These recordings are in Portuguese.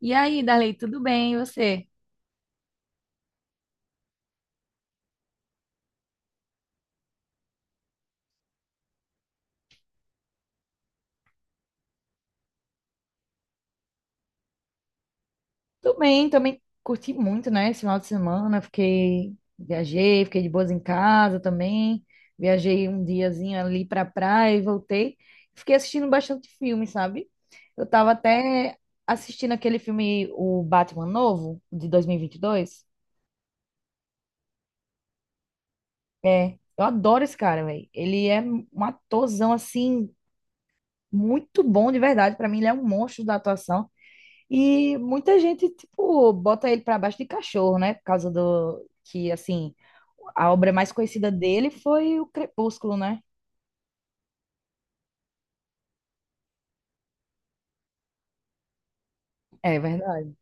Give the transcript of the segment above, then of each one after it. E aí, Darley, tudo bem? E você? Tudo bem, também curti muito, né? Esse final de semana, fiquei, viajei, fiquei de boas em casa também. Viajei um diazinho ali pra praia e voltei. Fiquei assistindo bastante filme, sabe? Eu tava até assistindo aquele filme, o Batman novo, de 2022. É, eu adoro esse cara, velho. Ele é um atorzão, assim, muito bom de verdade. Pra mim, ele é um monstro da atuação. E muita gente, tipo, bota ele para baixo de cachorro, né? Por causa do que, assim, a obra mais conhecida dele foi o Crepúsculo, né? É verdade.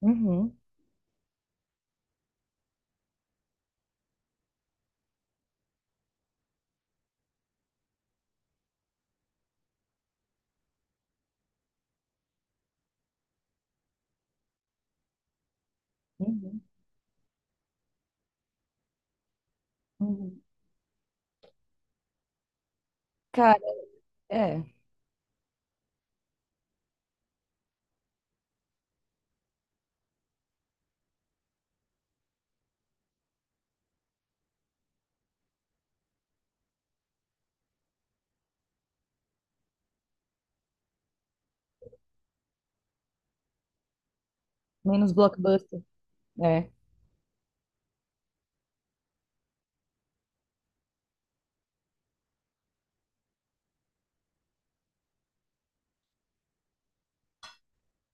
Uhum, uhum, uhum. Cara, é. Menos blockbuster. É.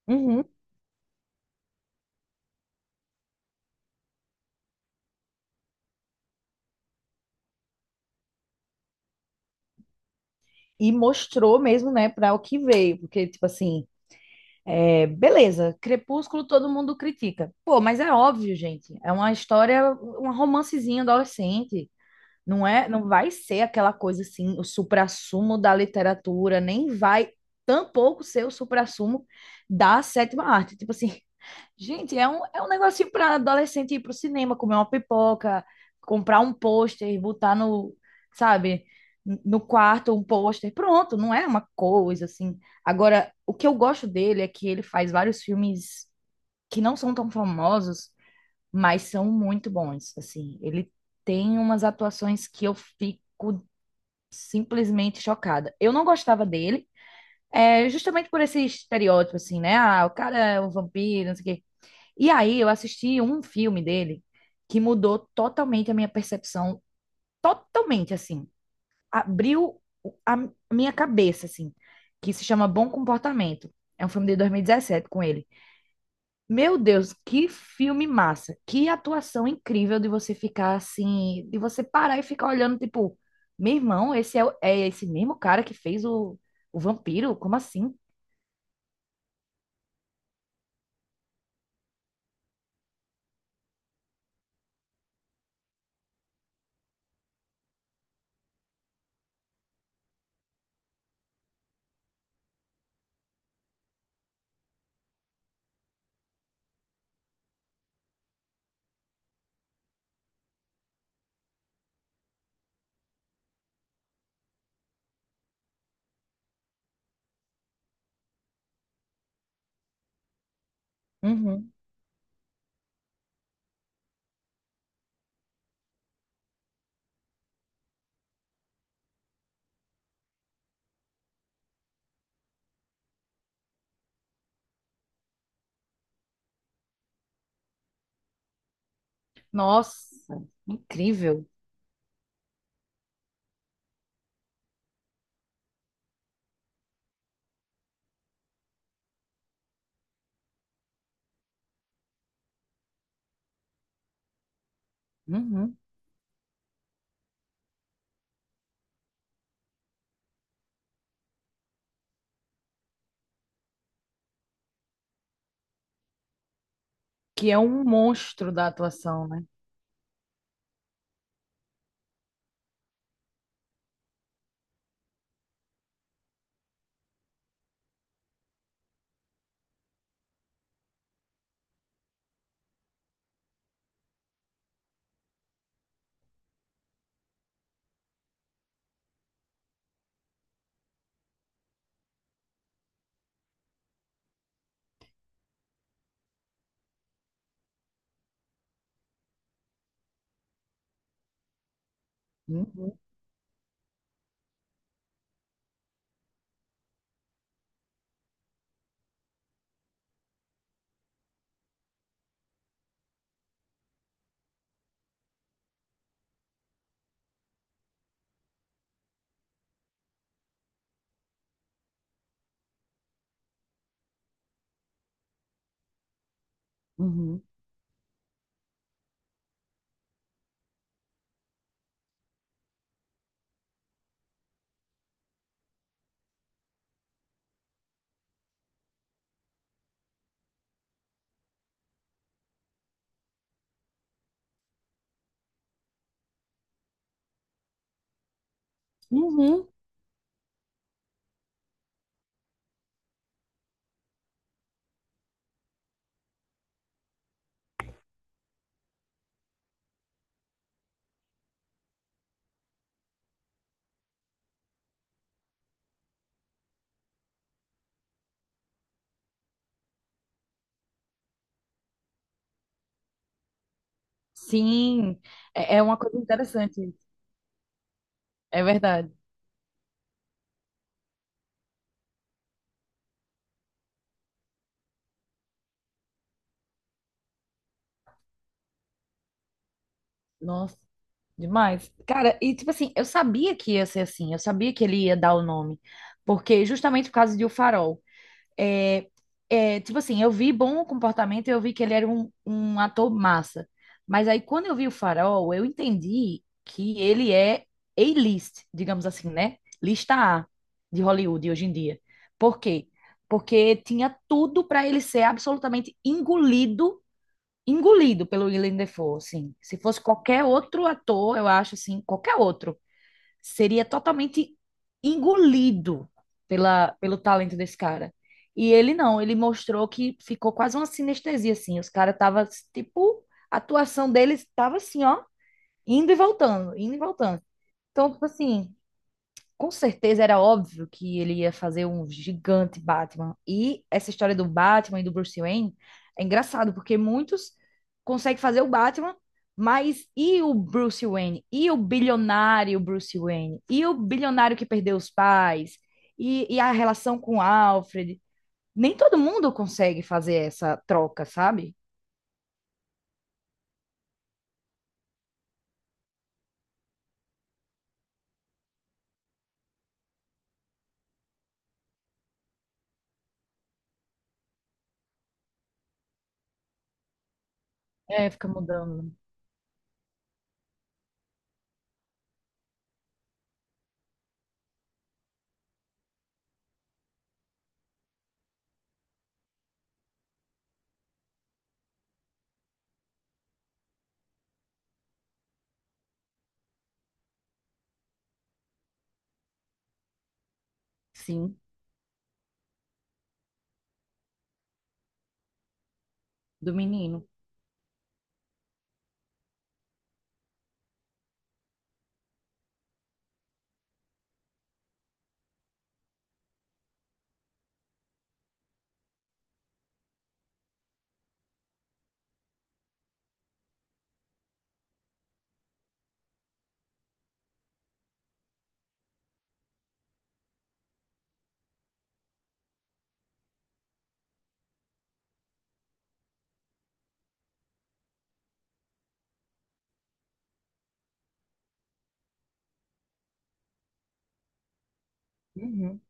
Uhum. E mostrou mesmo, né, para o que veio. Porque, tipo assim, beleza, Crepúsculo todo mundo critica. Pô, mas é óbvio, gente. É uma história, um romancezinho adolescente. Não é, não vai ser aquela coisa assim, o suprassumo da literatura, nem vai tampouco ser o suprassumo da sétima arte. Tipo assim, gente, é um negocinho para adolescente ir pro cinema, comer uma pipoca, comprar um pôster, botar no, sabe, no quarto um pôster. Pronto, não é uma coisa assim. Agora, o que eu gosto dele é que ele faz vários filmes que não são tão famosos mas são muito bons, assim. Ele tem umas atuações que eu fico simplesmente chocada. Eu não gostava dele, justamente por esse estereótipo, assim, né? Ah, o cara é um vampiro, não sei o quê. E aí eu assisti um filme dele que mudou totalmente a minha percepção, totalmente, assim. Abriu a minha cabeça, assim, que se chama Bom Comportamento. É um filme de 2017 com ele. Meu Deus, que filme massa. Que atuação incrível de você ficar assim, de você parar e ficar olhando, tipo, meu irmão, é esse mesmo cara que fez o vampiro? Como assim? Uhum. Nossa, incrível. Uhum. Que é um monstro da atuação, né? Uhum. Uhum. Uhum. Sim, é, é uma coisa interessante. É verdade. Nossa. Demais. Cara, e tipo assim, eu sabia que ia ser assim, eu sabia que ele ia dar o nome, porque justamente por causa de O Farol. É, é, tipo assim, eu vi bom comportamento, eu vi que ele era um ator massa. Mas aí quando eu vi O Farol, eu entendi que ele é A-list, digamos assim, né? Lista A de Hollywood hoje em dia. Por quê? Porque tinha tudo para ele ser absolutamente engolido pelo Willem Dafoe, assim. Se fosse qualquer outro ator, eu acho assim, qualquer outro, seria totalmente engolido pela, pelo talento desse cara. E ele não, ele mostrou que ficou quase uma sinestesia, assim. Os caras tava, tipo, a atuação deles tava assim, ó, indo e voltando, indo e voltando. Então, tipo assim, com certeza era óbvio que ele ia fazer um gigante Batman. E essa história do Batman e do Bruce Wayne é engraçado, porque muitos conseguem fazer o Batman, mas e o Bruce Wayne? E o bilionário Bruce Wayne? E o bilionário que perdeu os pais? E a relação com o Alfred? Nem todo mundo consegue fazer essa troca, sabe? É, fica mudando. Sim, do menino. Uhum.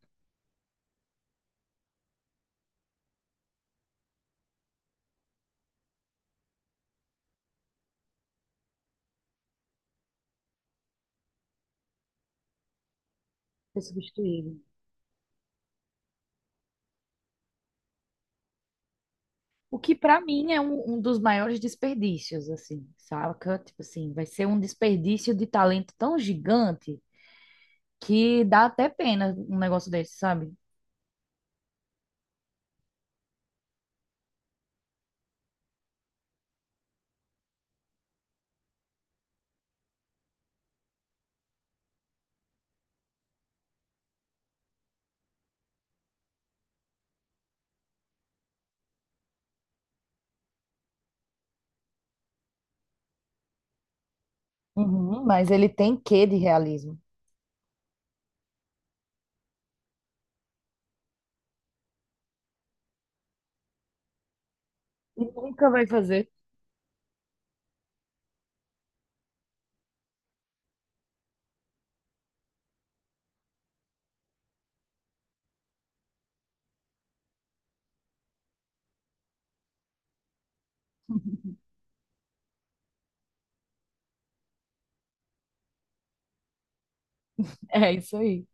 Foi substituído. O que para mim é um dos maiores desperdícios, assim, saca? Tipo assim, vai ser um desperdício de talento tão gigante que dá até pena um negócio desse, sabe? Uhum, mas ele tem quê de realismo? E nunca vai fazer. É isso aí.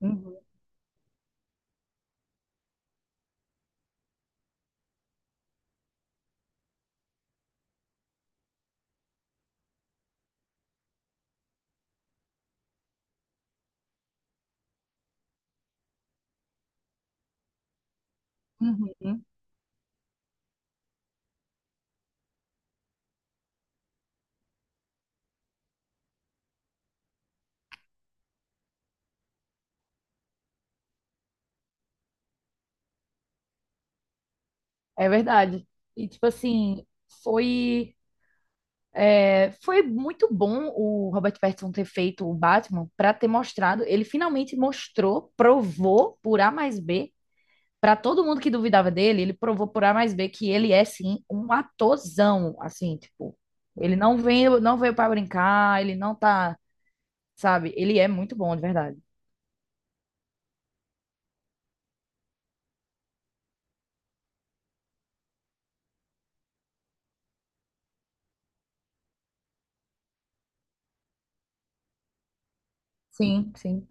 Uhum. Uhum. É verdade. E tipo assim, foi foi muito bom o Robert Pattinson ter feito o Batman para ter mostrado, ele finalmente mostrou, provou por A mais B. Para todo mundo que duvidava dele, ele provou por A mais B que ele é sim um atorzão, assim, tipo, ele não veio para brincar, ele não tá, sabe? Ele é muito bom, de verdade. Sim, sim.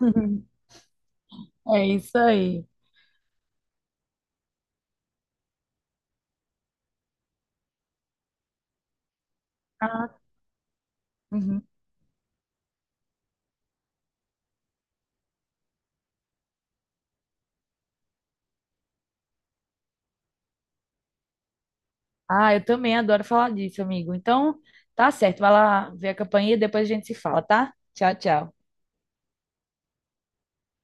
É isso aí. Ah, uhum. Ah, eu também adoro falar disso, amigo. Então, tá certo, vai lá ver a campanha e depois a gente se fala, tá? Tchau, tchau.